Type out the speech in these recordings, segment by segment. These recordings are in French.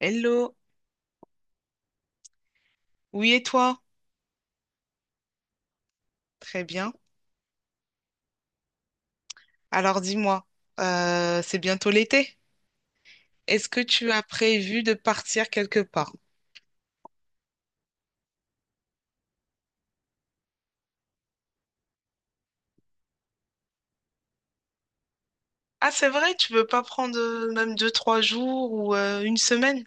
Hello, oui et toi? Très bien. Alors dis-moi, c'est bientôt l'été. Est-ce que tu as prévu de partir quelque part? Ah, c'est vrai, tu veux pas prendre même deux, trois jours ou une semaine?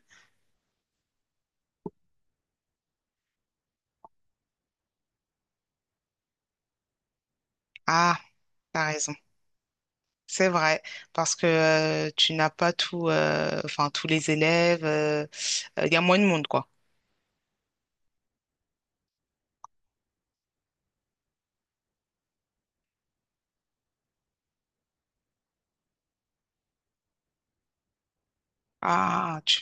Ah, t'as raison. C'est vrai, parce que tu n'as pas tout, enfin tous les élèves. Il y a moins de monde, quoi. Ah, tu...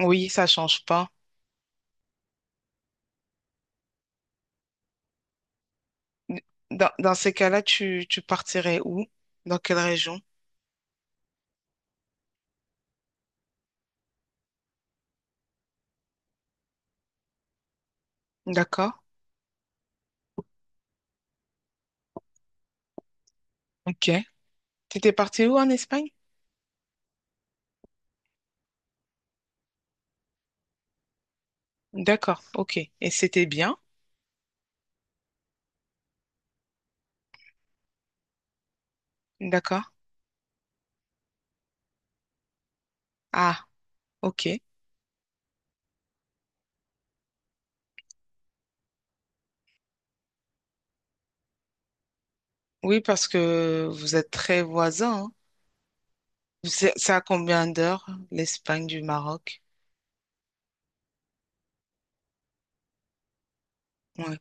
oui, ça change pas. Dans ces cas-là, tu partirais où? Dans quelle région? D'accord. Ok. T'étais parti où en Espagne? D'accord, ok. Et c'était bien? D'accord. Ah, ok. Oui, parce que vous êtes très voisins, hein. C'est à combien d'heures, l'Espagne du Maroc? Oui,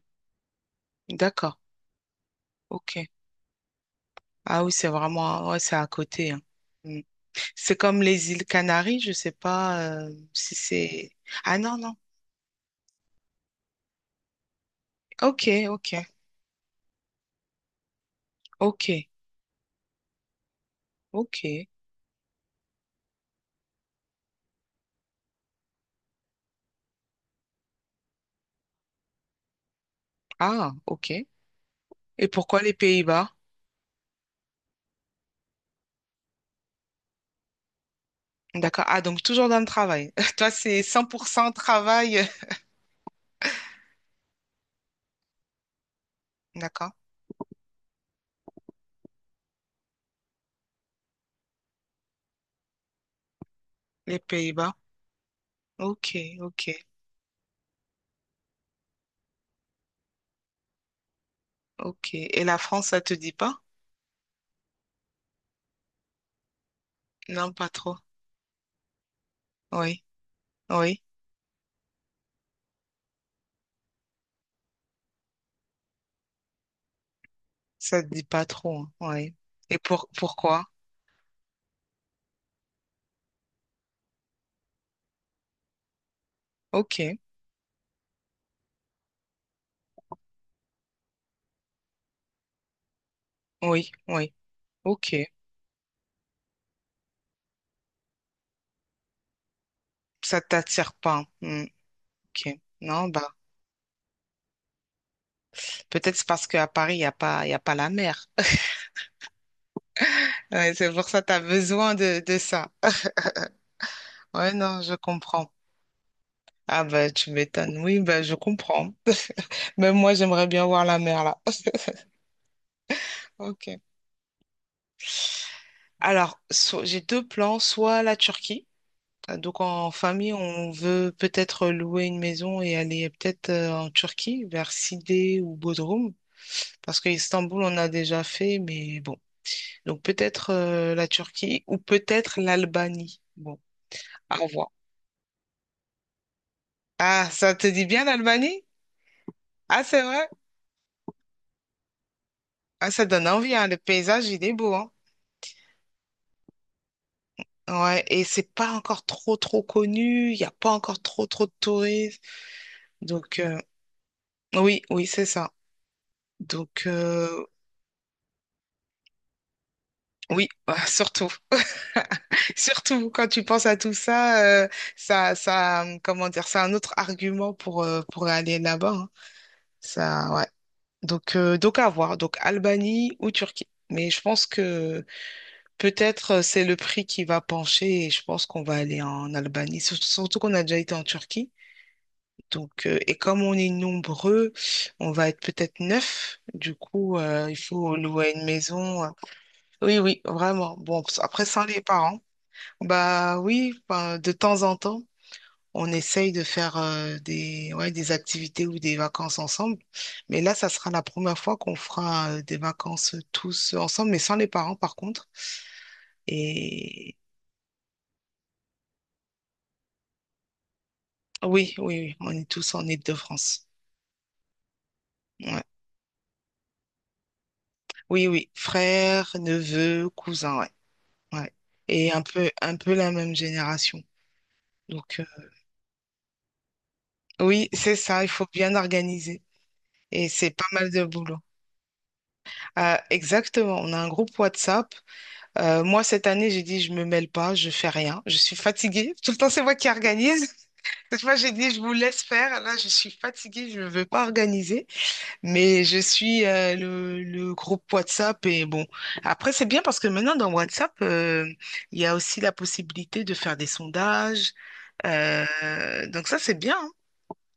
d'accord, ok. Ah oui, c'est vraiment, ouais, c'est à côté, hein. Mm. C'est comme les îles Canaries, je sais pas si c'est... Ah non, non. Ok, ok, ok, ok. Ah, ok. Et pourquoi les Pays-Bas? D'accord. Ah, donc toujours dans le travail. Toi, c'est 100% travail. D'accord. Les Pays-Bas. Ok, ok, ok. Et la France, ça te dit pas? Non, pas trop. Oui, oui, ça te dit pas trop, hein. Oui. Et pourquoi? Ok, oui, oui, ok. Ça t'attire pas, hein. Hmm, ok. Non, bah peut-être c'est parce qu'à Paris, il y a pas la mer. Ouais, c'est pour ça que tu as besoin de ça. Ouais, non, je comprends. Ah bah tu m'étonnes. Oui, bah je comprends. Même moi, j'aimerais bien voir la mer là. Ok. Alors, j'ai deux plans, soit la Turquie. Ah, donc en famille, on veut peut-être louer une maison et aller peut-être en Turquie, vers Sidé ou Bodrum, parce qu'Istanbul on a déjà fait, mais bon. Donc peut-être la Turquie ou peut-être l'Albanie. Bon, à voir. Ah, ça te dit bien l'Albanie? Ah, c'est vrai. Ah, ça donne envie, hein. Le paysage, il est beau, hein. Ouais, et c'est pas encore trop, trop connu. Il n'y a pas encore trop, trop de touristes. Donc oui, oui, c'est ça. Donc oui, surtout. Surtout quand tu penses à tout ça, ça, ça, comment dire, c'est un autre argument pour aller là-bas, hein. Ça, ouais. Donc à voir. Donc Albanie ou Turquie. Mais je pense que peut-être c'est le prix qui va pencher et je pense qu'on va aller en Albanie. Surtout qu'on a déjà été en Turquie. Donc, et comme on est nombreux, on va être peut-être neuf. Du coup, il faut louer une maison. Oui, oui, vraiment. Bon, après, sans les parents. Bah oui, enfin, de temps en temps. On essaye de faire des, ouais, des activités ou des vacances ensemble. Mais là, ça sera la première fois qu'on fera des vacances tous ensemble, mais sans les parents par contre. Et oui, oui, oui, on est tous en Île-de-France. Ouais. Oui, oui, frères, neveux, cousins, ouais. Ouais. Et un peu la même génération. Donc, oui, c'est ça, il faut bien organiser. Et c'est pas mal de boulot. Exactement, on a un groupe WhatsApp. Moi, cette année, j'ai dit, je me mêle pas, je fais rien, je suis fatiguée. Tout le temps, c'est moi qui organise. Cette fois, j'ai dit, je vous laisse faire. Là, je suis fatiguée, je ne veux pas organiser. Mais je suis le groupe WhatsApp. Et bon, après, c'est bien parce que maintenant, dans WhatsApp, il y a aussi la possibilité de faire des sondages. Euh, donc ça, c'est bien, hein.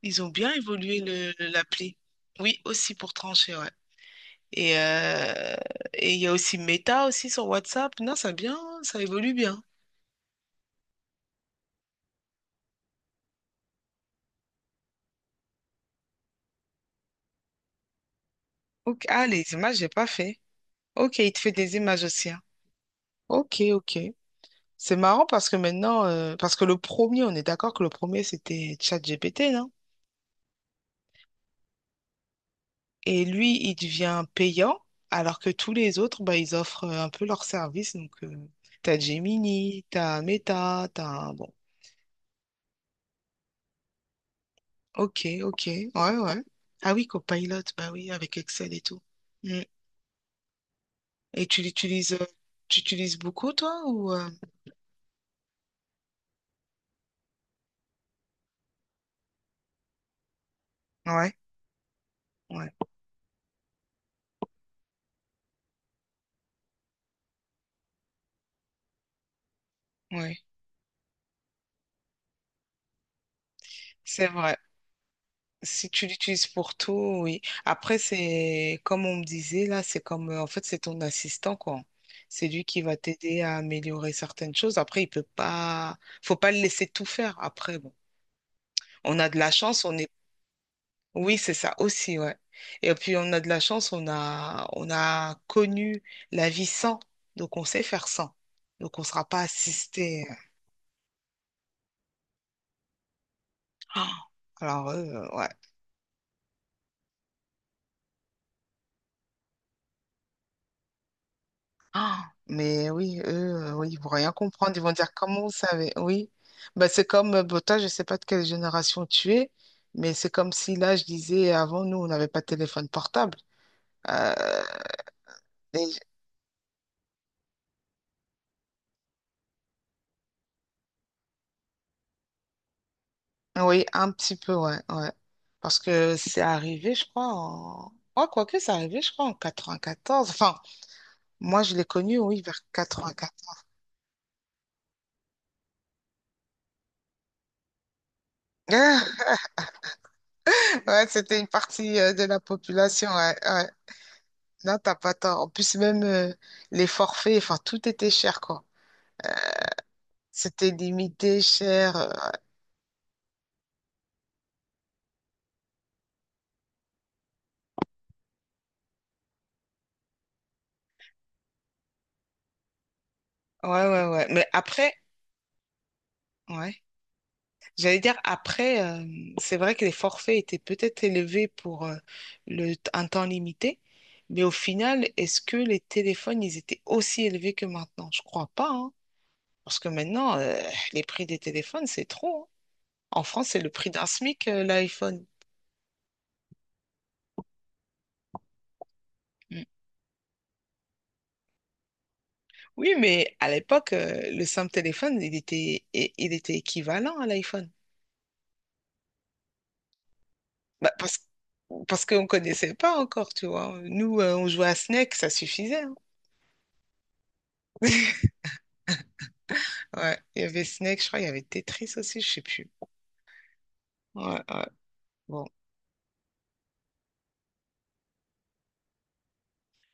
Ils ont bien évolué le, l'appli. Oui, aussi pour trancher, ouais. Et euh, et il y a aussi Meta aussi sur WhatsApp. Non, ça bien, ça évolue bien. Ok. Ah, les images, j'ai pas fait. Ok, il te fait des images aussi, hein. Ok, ok. C'est marrant parce que maintenant, parce que le premier, on est d'accord que le premier, c'était ChatGPT, non? Et lui, il devient payant, alors que tous les autres, bah, ils offrent un peu leur service. Donc, t'as Gemini, t'as Meta, t'as... Bon, ok, ok. Ouais, ouais. Ah oui, Copilot, bah oui, avec Excel et tout. Hmm. Et tu utilises beaucoup, toi, ou. Ouais, ouais, ouais. C'est vrai. Si tu l'utilises pour tout, oui. Après, c'est comme on me disait là, c'est comme en fait, c'est ton assistant, quoi. C'est lui qui va t'aider à améliorer certaines choses. Après, il peut pas, faut pas le laisser tout faire. Après, bon, on a de la chance, on est, oui, c'est ça aussi, ouais. Et puis, on a de la chance, on a connu la vie sans, donc on sait faire sans. Donc, on sera pas assisté. Ah, alors, eux, ouais. Ah, mais oui, eux, oui, ils vont rien comprendre. Ils vont dire, comment vous savez? Oui. Bah, c'est comme, bon, toi, je ne sais pas de quelle génération tu es, mais c'est comme si là, je disais, avant, nous, on n'avait pas de téléphone portable. Euh, les- Oui, un petit peu, ouais, ouais. Parce que c'est arrivé, je crois, en... Ouais, quoique, c'est arrivé, je crois, en 94. Enfin, moi, je l'ai connu, oui, vers 94. Ouais, c'était une partie de la population, ouais, ouais. Non, t'as pas tort. En plus, même les forfaits, enfin, tout était cher, quoi. C'était limité, cher. Ouais, ouais, ouais. Mais après, ouais. J'allais dire, après, c'est vrai que les forfaits étaient peut-être élevés pour le, un temps limité. Mais au final, est-ce que les téléphones, ils étaient aussi élevés que maintenant? Je crois pas, hein. Parce que maintenant, les prix des téléphones, c'est trop, hein. En France, c'est le prix d'un SMIC, l'iPhone. Mm. Oui, mais à l'époque, le simple téléphone, il était, il était équivalent à l'iPhone. Bah, parce qu'on ne connaissait pas encore, tu vois. Nous, on jouait à Snake, ça suffisait, hein. Ouais, il y avait Snake, je crois, il y avait Tetris aussi, je sais plus. Ouais, ouais, bon.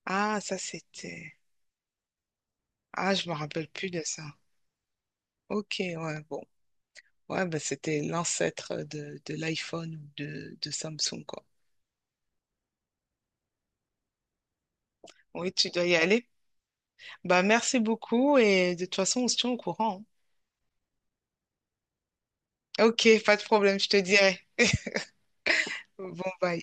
Ah, ça, c'était... Ah, je me rappelle plus de ça. Ok, ouais, bon. Ouais, bah, c'était l'ancêtre de l'iPhone ou de Samsung, quoi. Oui, tu dois y aller. Bah, merci beaucoup et de toute façon, on se tient au courant, hein. Ok, pas de problème, je te dirai. Bon, bye.